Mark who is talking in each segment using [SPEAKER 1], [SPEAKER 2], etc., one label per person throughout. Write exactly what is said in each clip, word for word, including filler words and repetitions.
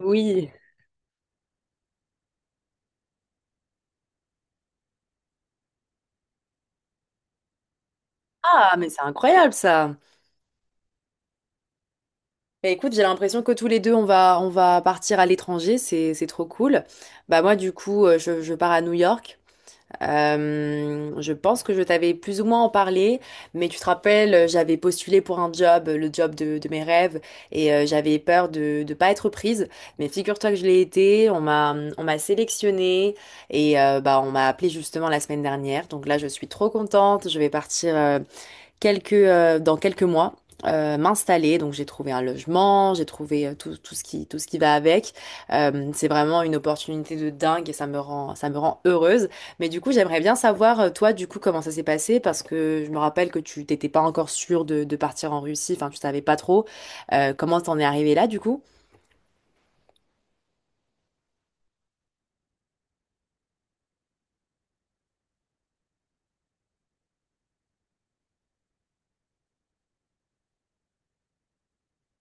[SPEAKER 1] Oui. Ah, mais c'est incroyable ça. Bah, écoute, j'ai l'impression que tous les deux, on va, on va partir à l'étranger. C'est, c'est trop cool. Bah moi, du coup, euh, je, je pars à New York. Euh, je pense que je t'avais plus ou moins en parlé, mais tu te rappelles, euh, j'avais postulé pour un job, le job de, de mes rêves, et euh, j'avais peur de ne pas être prise. Mais figure-toi que je l'ai été. On m'a, hum, on m'a sélectionnée et euh, bah on m'a appelé justement la semaine dernière. Donc là, je suis trop contente. Je vais partir. euh, quelques, euh, dans quelques mois euh, m'installer. Donc j'ai trouvé un logement, j'ai trouvé euh, tout, tout ce qui, tout ce qui va avec. Euh, c'est vraiment une opportunité de dingue et ça me rend, ça me rend heureuse. Mais du coup, j'aimerais bien savoir, euh, toi, du coup, comment ça s'est passé parce que je me rappelle que tu t'étais pas encore sûre de, de partir en Russie, enfin, tu savais pas trop. Euh, comment t'en es arrivé là, du coup?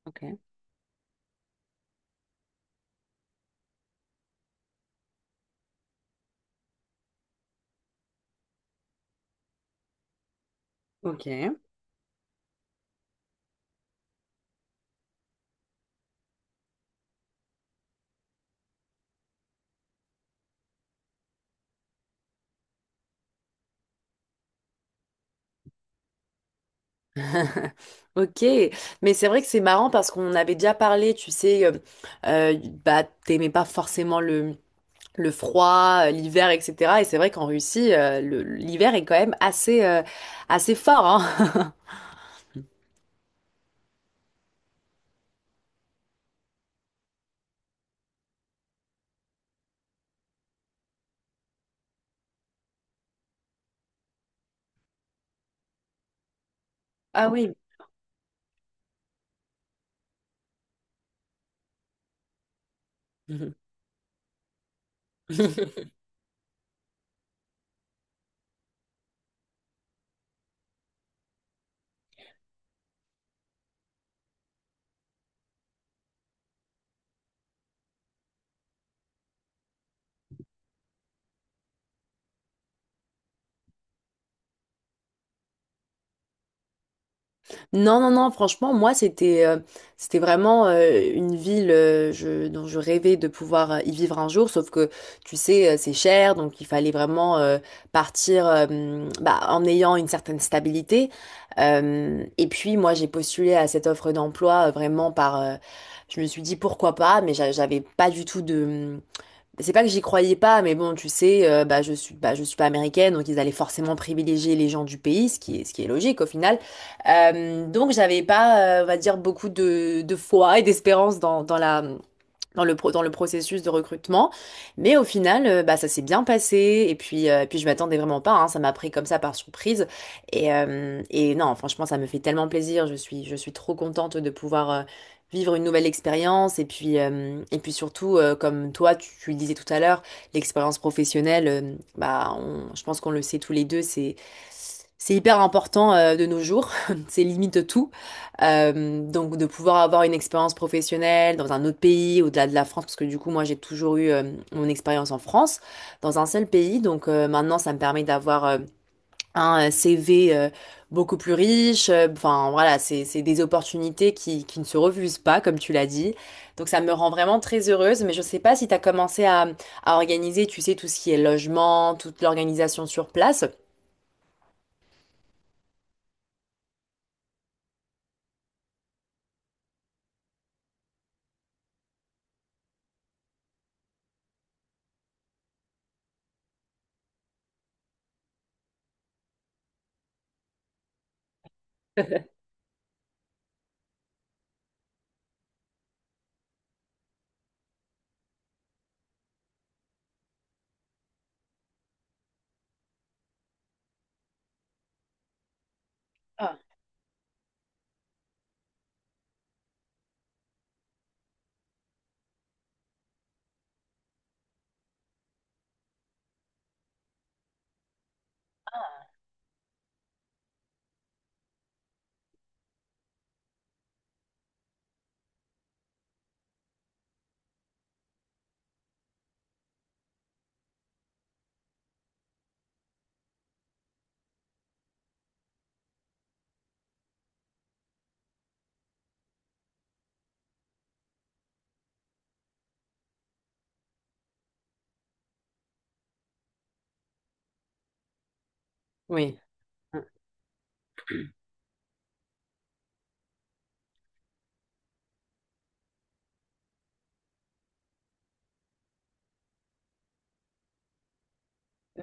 [SPEAKER 1] Ok. Ok. Ok, mais c'est vrai que c'est marrant parce qu'on avait déjà parlé, tu sais, euh, euh, bah t'aimais pas forcément le, le froid, euh, l'hiver, et cetera. Et c'est vrai qu'en Russie, euh, le- l'hiver est quand même assez, euh, assez fort, hein. Ah oui. Mhm. Non, non, non, franchement, moi, c'était euh, c'était vraiment euh, une ville euh, je- dont je rêvais de pouvoir euh, y vivre un jour, sauf que, tu sais, euh, c'est cher, donc il fallait vraiment euh, partir euh, hum, bah, en ayant une certaine stabilité. Euh, et puis, moi, j'ai postulé à cette offre d'emploi euh, vraiment par... euh, je me suis dit pourquoi pas, mais j'a- j'avais pas du tout de, C'est pas que j'y croyais pas, mais bon, tu sais, euh, bah, je suis, bah, je suis pas américaine, donc ils allaient forcément privilégier les gens du pays, ce qui est, ce qui est logique au final. Euh, donc j'avais pas, euh, on va dire, beaucoup de, de foi et d'espérance dans, dans la, dans le, pro- dans le processus de recrutement. Mais au final, euh, bah, ça s'est bien passé. Et puis, euh, et puis je m'attendais vraiment pas, hein. Ça m'a pris comme ça par surprise. Et, euh, et non, franchement, ça me fait tellement plaisir. Je suis, je suis trop contente de pouvoir euh, vivre une nouvelle expérience. Et puis, euh, et puis surtout, euh, comme toi, tu, tu le disais tout à l'heure, l'expérience professionnelle, euh, bah, on- je pense qu'on le sait tous les deux, c'est... C'est hyper important euh, de nos jours, c'est limite tout. Euh, donc de pouvoir avoir une expérience professionnelle dans un autre pays, au-delà de la France, parce que du coup moi j'ai toujours eu euh, mon expérience en France, dans un seul pays. Donc euh, maintenant ça me permet d'avoir euh, un C V euh, beaucoup plus riche. Euh, Enfin voilà, c'est c'est des opportunités qui, qui ne se refusent pas, comme tu l'as dit. Donc ça me rend vraiment très heureuse, mais je sais pas si tu as commencé à, à organiser, tu sais, tout ce qui est logement, toute l'organisation sur place. Ah, oui,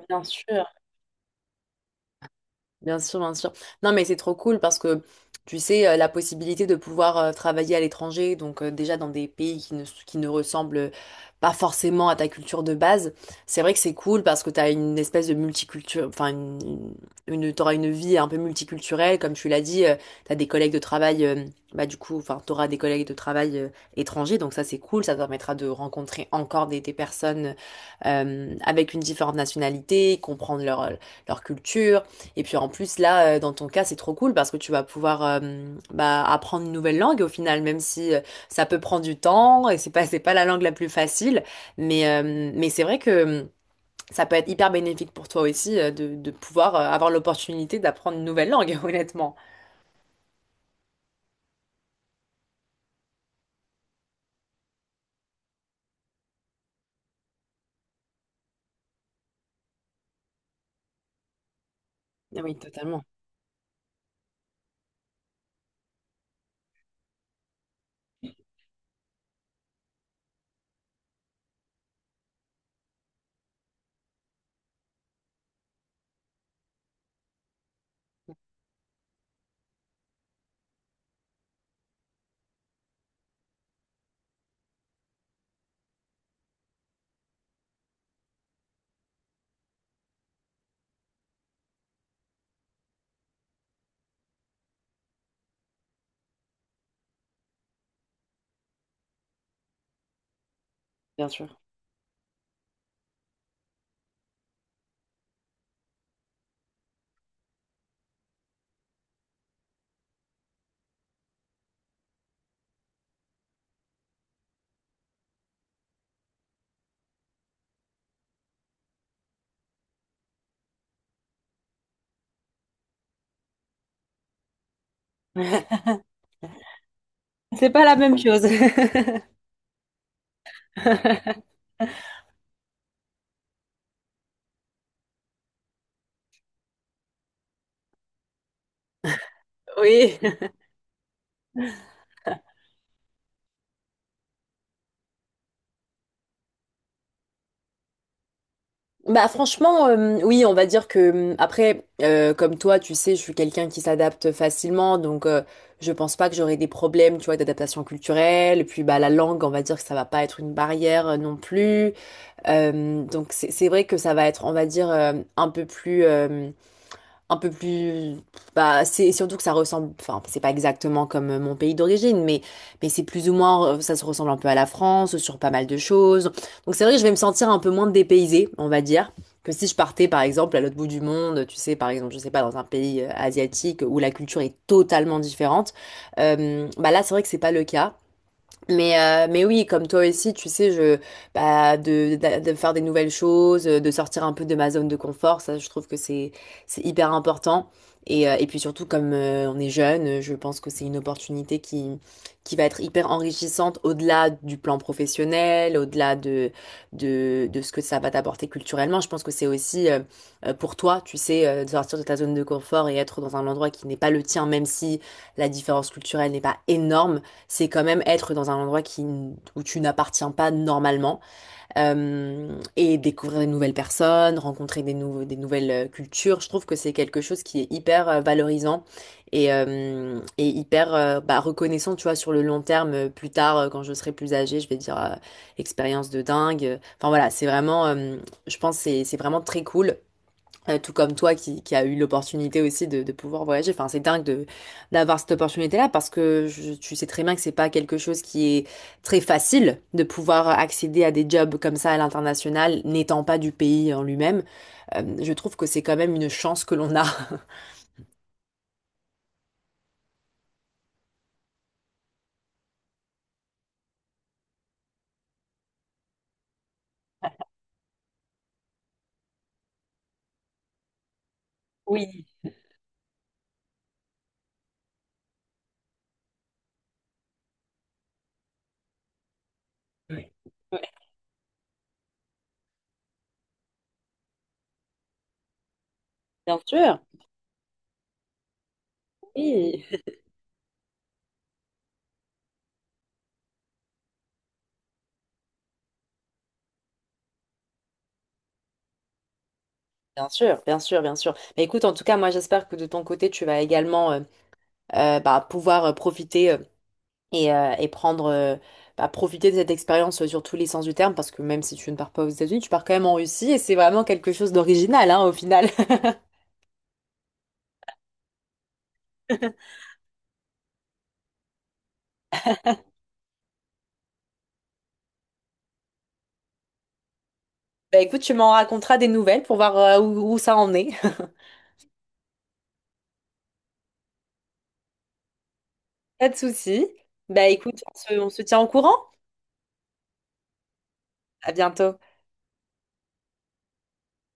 [SPEAKER 1] bien sûr. Bien sûr, bien sûr. Non, mais c'est trop cool parce que tu sais, euh, la possibilité de pouvoir euh, travailler à l'étranger, donc euh, déjà dans des pays qui ne, qui ne ressemblent pas forcément à ta culture de base, c'est vrai que c'est cool parce que tu as une espèce de multiculture, enfin, une, une, une- t'auras une vie un peu multiculturelle, comme tu l'as dit, tu as des collègues de travail, euh, bah du coup, enfin, t'auras des collègues de travail euh, étrangers, donc ça c'est cool, ça te permettra de rencontrer encore des, des personnes euh, avec une différente nationalité, comprendre leur, leur culture. Et puis en plus là, euh, dans ton cas, c'est trop cool parce que tu vas pouvoir euh, bah, apprendre une nouvelle langue au final, même si euh, ça peut prendre du temps et c'est pas c'est pas la langue la plus facile, mais euh, mais c'est vrai que euh, ça peut être hyper bénéfique pour toi aussi euh, de, de pouvoir euh, avoir l'opportunité d'apprendre une nouvelle langue, honnêtement. Ah oui, totalement, bien sûr. C'est pas la même chose. Oui. Bah franchement, euh, oui, on va dire que hum, après, euh, comme toi, tu sais, je suis quelqu'un qui s'adapte facilement, donc euh, je pense pas que j'aurai des problèmes, tu vois, d'adaptation culturelle. Et puis bah la langue, on va dire que ça va pas être une barrière euh, non plus. Euh, donc c'est c'est vrai que ça va être, on va dire, euh, un peu plus euh, un peu plus bah c'est surtout que ça ressemble enfin c'est pas exactement comme euh, mon pays d'origine mais mais c'est plus ou moins euh, ça se ressemble un peu à la France sur pas mal de choses donc c'est vrai que je vais me sentir un peu moins dépaysée on va dire que si je partais par exemple à l'autre bout du monde tu sais par exemple je sais pas dans un pays euh, asiatique où la culture est totalement différente euh, bah là c'est vrai que c'est pas le cas mais, euh, mais oui, comme toi aussi, tu sais, je, bah, de, d'a- de faire des nouvelles choses, euh, de sortir un peu de ma zone de confort, ça, je trouve que c'est, c'est hyper important. Et, euh, et puis surtout, comme euh, on est jeune, euh, je pense que c'est une opportunité qui, qui va être hyper enrichissante au-delà du plan professionnel, au-delà de, de, de ce que ça va t'apporter culturellement. Je pense que c'est aussi euh, euh, pour toi, tu sais, euh, de sortir de ta zone de confort et être dans un endroit qui n'est pas le tien, même si la différence culturelle n'est pas énorme, c'est quand même être dans un endroit qui, où tu n'appartiens pas normalement euh, et découvrir des nouvelles personnes, rencontrer des, nou- des nouvelles euh, cultures. Je trouve que c'est quelque chose qui est hyper euh, valorisant et, euh, et hyper euh, bah, reconnaissant, tu vois, sur le long terme. euh, Plus tard, euh, quand je serai plus âgée, je vais dire euh, expérience de dingue. Enfin voilà, c'est vraiment, euh, je pense, que c'est c'est vraiment très cool. Euh, tout comme toi qui, qui a eu l'opportunité aussi de, de pouvoir voyager. Enfin, c'est dingue de d'avoir cette opportunité-là parce que je- tu sais très bien que c'est pas quelque chose qui est très facile de pouvoir accéder à des jobs comme ça à l'international, n'étant pas du pays en lui-même. Euh, je trouve que c'est quand même une chance que l'on a. Sûr, oui. Bien sûr, bien sûr, bien sûr. Mais écoute, en tout cas, moi, j'espère que de ton côté, tu vas également euh, euh, bah, pouvoir euh, profiter. euh, et, euh, et prendre, euh, bah, profiter de cette expérience euh, sur tous les sens du terme, parce que même si tu ne pars pas aux États-Unis, tu pars quand même en Russie et c'est vraiment quelque chose d'original, hein, au final. Bah écoute, tu m'en raconteras des nouvelles pour voir euh, où, où ça en est. Pas de souci. Bah écoute, on se, on se tient au courant. À bientôt.